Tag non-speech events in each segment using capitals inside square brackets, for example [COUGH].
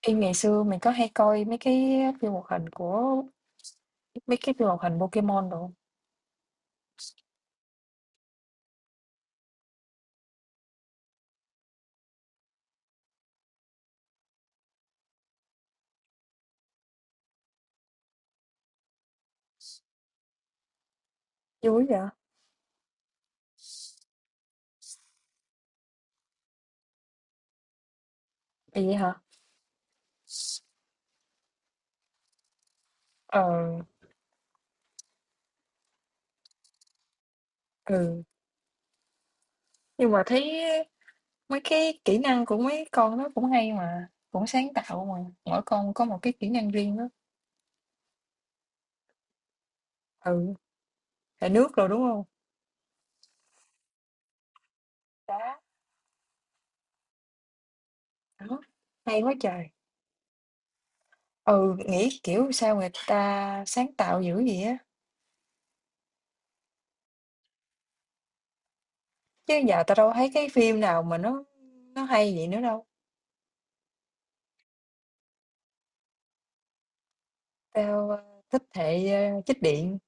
Ê, ngày xưa mình có hay coi mấy cái phim hoạt hình của mấy cái phim hoạt hình Pokemon đồ không? Vui vậy? À, vậy hả? Ờ, ừ, nhưng mà thấy mấy cái kỹ năng của mấy con đó cũng hay mà, cũng sáng tạo mà, mỗi con có một cái kỹ năng riêng đó. Ừ, hệ nước rồi, đúng không? Đá, đó, hay quá trời. Ừ, nghĩ kiểu sao người ta sáng tạo dữ vậy á, chứ giờ tao đâu thấy cái phim nào mà nó hay vậy nữa đâu. Tao, ơ, thích hệ, ơ, chích điện.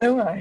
Đúng rồi.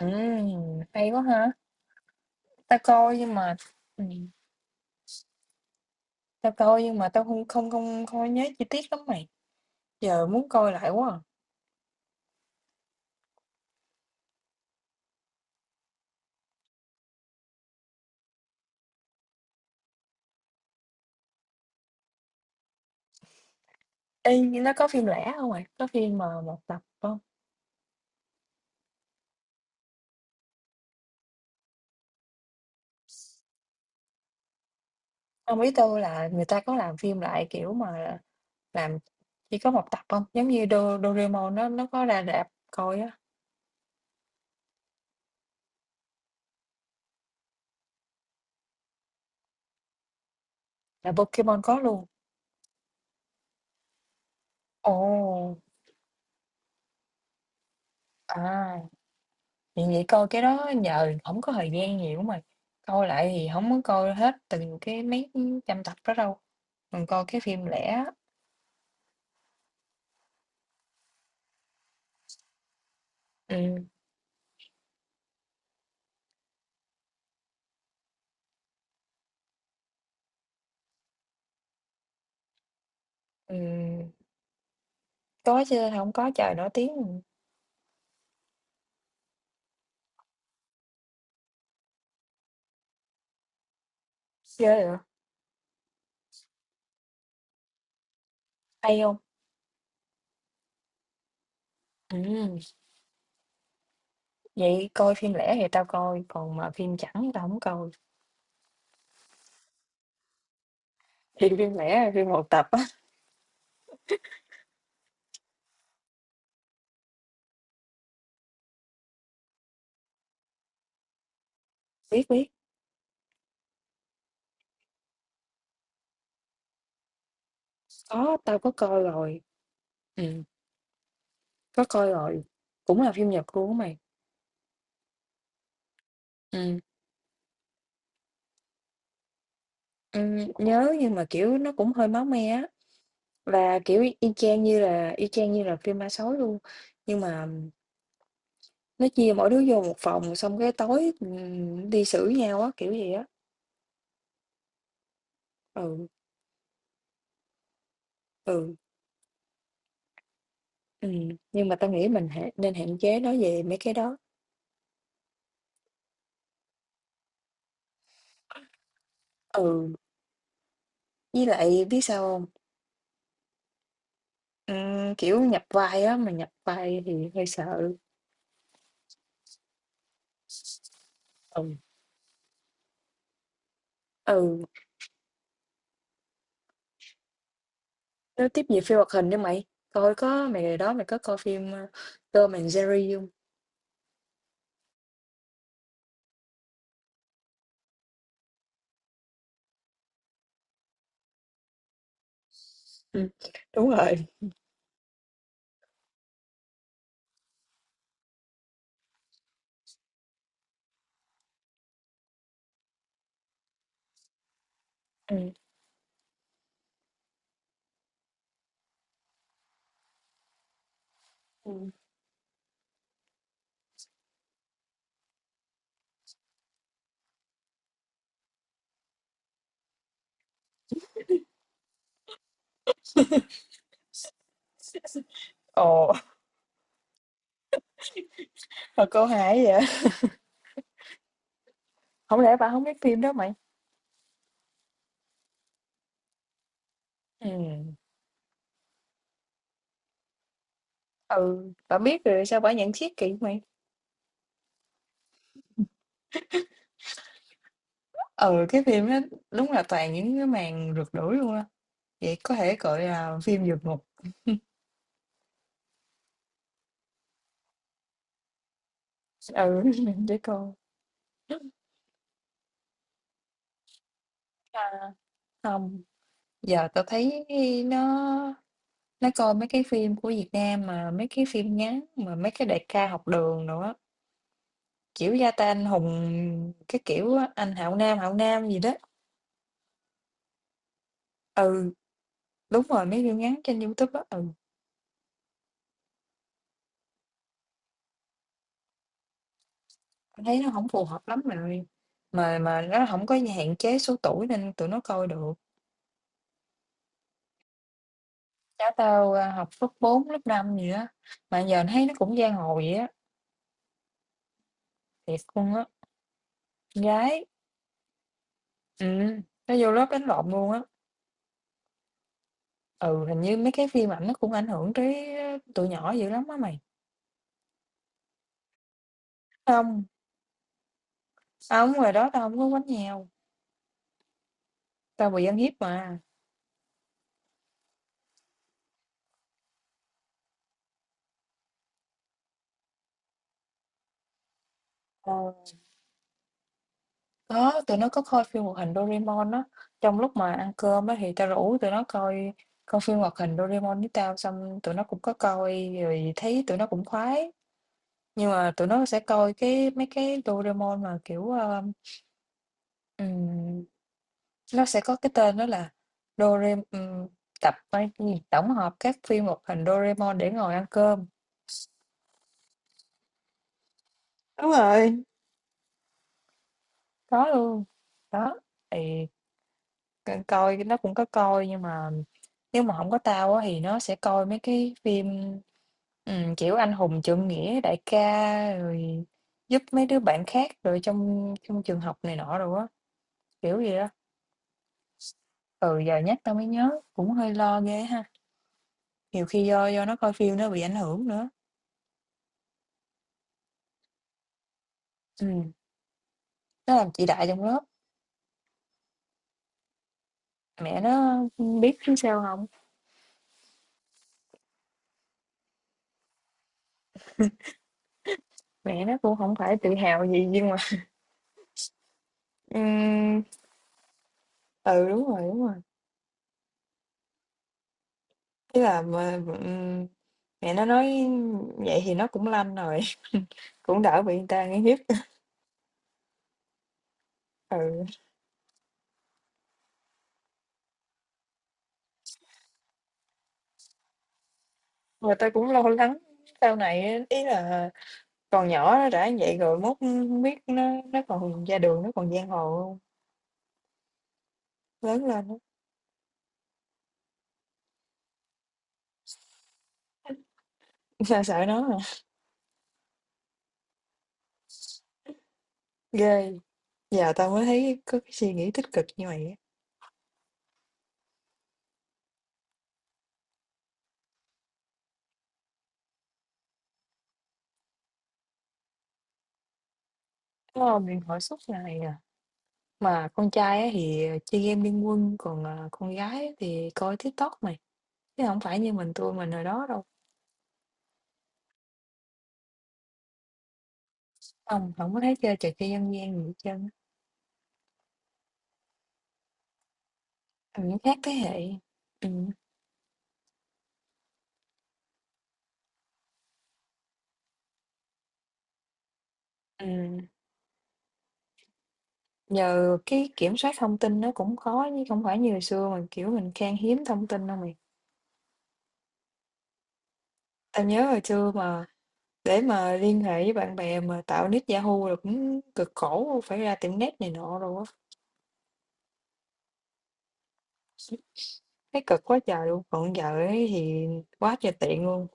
Ừm, hay quá ha. Tao coi nhưng mà ừm, tao coi nhưng mà tao không không không không có nhớ chi tiết lắm mày, giờ muốn coi lại quá à. Ê, nhưng nó có phim lẻ không mày? Có phim mà một tập không? Hông, biết tao là người ta có làm phim lại, kiểu mà, làm chỉ có một tập không? Giống như Do Doraemon nó có ra rạp coi á, là Pokemon có luôn. Ồ, à, vậy vậy coi cái đó nhờ không có thời gian nhiều á mày, coi lại thì không có coi hết từng cái mấy trăm tập đó đâu. Mình coi cái phim lẻ, ừm, ừm, có chứ không có trời nổi tiếng, ghê vậy, hay không? Ừm. Vậy coi phim lẻ thì tao coi, còn mà phim chẳng tao không coi. Thì phim lẻ là phim một tập á. Biết, biết, có, tao có coi rồi. Ừm. Có coi rồi, cũng là phim Nhật luôn á mày. Ừm. Nhớ nhưng mà, kiểu, nó cũng hơi máu me á, và, kiểu, y y chang như là y chang như là phim ma sói luôn. Nhưng mà nó chia mỗi đứa vô một phòng, xong cái tối, đi xử nhau á, kiểu gì á. Ừ, ừ, nhưng mà tao nghĩ mình nên hạn chế nói về mấy cái đó. Ừ, với lại biết sao hông? Kiểu, nhập vai á, mà nhập vai thì hơi sợ. Ừ, ừ, nói tiếp về phim hoạt hình đi mày, coi có mày hồi đó mày có coi phim, ơ, Tom and Jerry hông? Ừm, đúng rồi, ừm, ừm. Ồ, [LAUGHS] mà cô hài quá vậy? Hổng lẽ bả hổng biết phim đó mày? Ừm, ừ, bả biết rồi sao bả nhận xét kỳ vậy mày? Ừ, cái phim đó đúng là toàn những cái màn rượt đuổi luôn á. Vậy có thể gọi là phim vượt ngục. Ừ, [LAUGHS] để coi. À, không, giờ tao thấy nó nó coi mấy cái phim của Việt Nam mà mấy cái phim ngắn mà mấy cái đại ca học đường nữa, kiểu Gia Tay Anh Hùng cái kiểu á, anh Hạo Nam gì đó. Ừ, đúng rồi mấy phim ngắn trên YouTube á. Ừ, tao thấy nó không phù hợp lắm rồi. Mà nó không có hạn chế số tuổi nên tụi nó coi được. Cháu tao, a, học lớp 4 lớp 5 gì á, mà giờ thấy nó cũng giang hồ vậy á, thiệt luôn á, con gái, nó vô lớp đánh lộn luôn á. Ừ, hình như mấy cái phim ảnh nó cũng ảnh hưởng tới, ơ, tụi nhỏ dữ lắm á mày. Không, hông, ngoài đó tao không có quánh nhau, tao bị ăn hiếp mà. Ờ, có, tụi nó có coi phim hoạt hình Doraemon á, trong lúc mà ăn cơm á thì tao rủ tụi nó coi coi phim hoạt hình Doraemon với tao, xong tụi nó cũng có coi rồi thấy tụi nó cũng khoái. Nhưng mà tụi nó sẽ coi cái mấy cái Doraemon mà, kiểu, ơ, ừm, nó sẽ có cái tên đó là Dorem tập hay cái gì, tổng hợp các phim hoạt hình Doraemon để ngồi ăn cơm. Đúng rồi. Có luôn, đó, thì c coi nó cũng có coi nhưng mà nếu mà không có tao á thì nó sẽ coi mấy cái phim, kiểu, anh hùng trượng nghĩa, đại ca, rồi giúp mấy đứa bạn khác rồi trong trong trường học này nọ rồi á, kiểu gì đó. Ừ, giờ nhắc tao mới nhớ, cũng hơi lo ghê ha. Nhiều khi do nó coi phim nó bị ảnh hưởng nữa. Ừm, nó làm chị đại trong lớp, mẹ nó biết chứ sao không. Mẹ nó cũng không phải tự hào gì nhưng mà [LAUGHS] ừm, ừ, đúng rồi, đúng rồi. Ý là mà, mẹ nó nói vậy thì nó cũng lanh rồi, [LAUGHS] cũng đỡ bị người ta uy hiếp. Ừ, mà tao cũng lo lắng sau này á, ý là còn nhỏ nó đã như vậy rồi mốt hông biết nó còn ra đường nó còn giang hồ hông, lớn lên á, [LAUGHS] tao sợ nó à. Ghê, giờ tao mới thấy có cái suy nghĩ tích cực như vậy á. Ờ, mình hỏi suốt ngày à. Mà con trai á thì ờ, chơi game Liên Quân, còn à, con gái á thì coi TikTok mày. Chứ không phải như tụi mình hồi đó đâu. Không, không có thấy chơi trò chơi dân gian gì hết trơn á. Ừ, khác thế hệ. Ừ. Ừ. Giờ cái kiểm soát thông tin nó cũng khó chứ không phải như hồi xưa mà kiểu mình khan hiếm thông tin đâu mày. Tao nhớ hồi xưa mà để mà liên hệ với bạn bè mà tạo nick Yahoo là cũng cực khổ phải ra tiệm net này nọ rồi á. Thấy cực quá trời luôn, còn giờ ấy thì quá trời tiện luôn,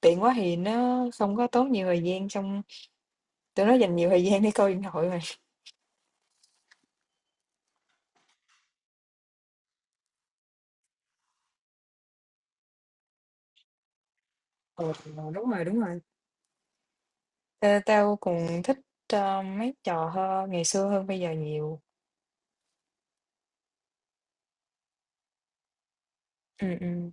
tiện quá thì nó không có tốn nhiều thời gian, xong tụi nó dành nhiều thời gian để coi điện thoại mà. Ừ, đúng rồi, đúng rồi. Ê, tao cũng thích, ơ, mấy trò hơn ngày xưa hơn bây giờ nhiều. Ừm, ừm.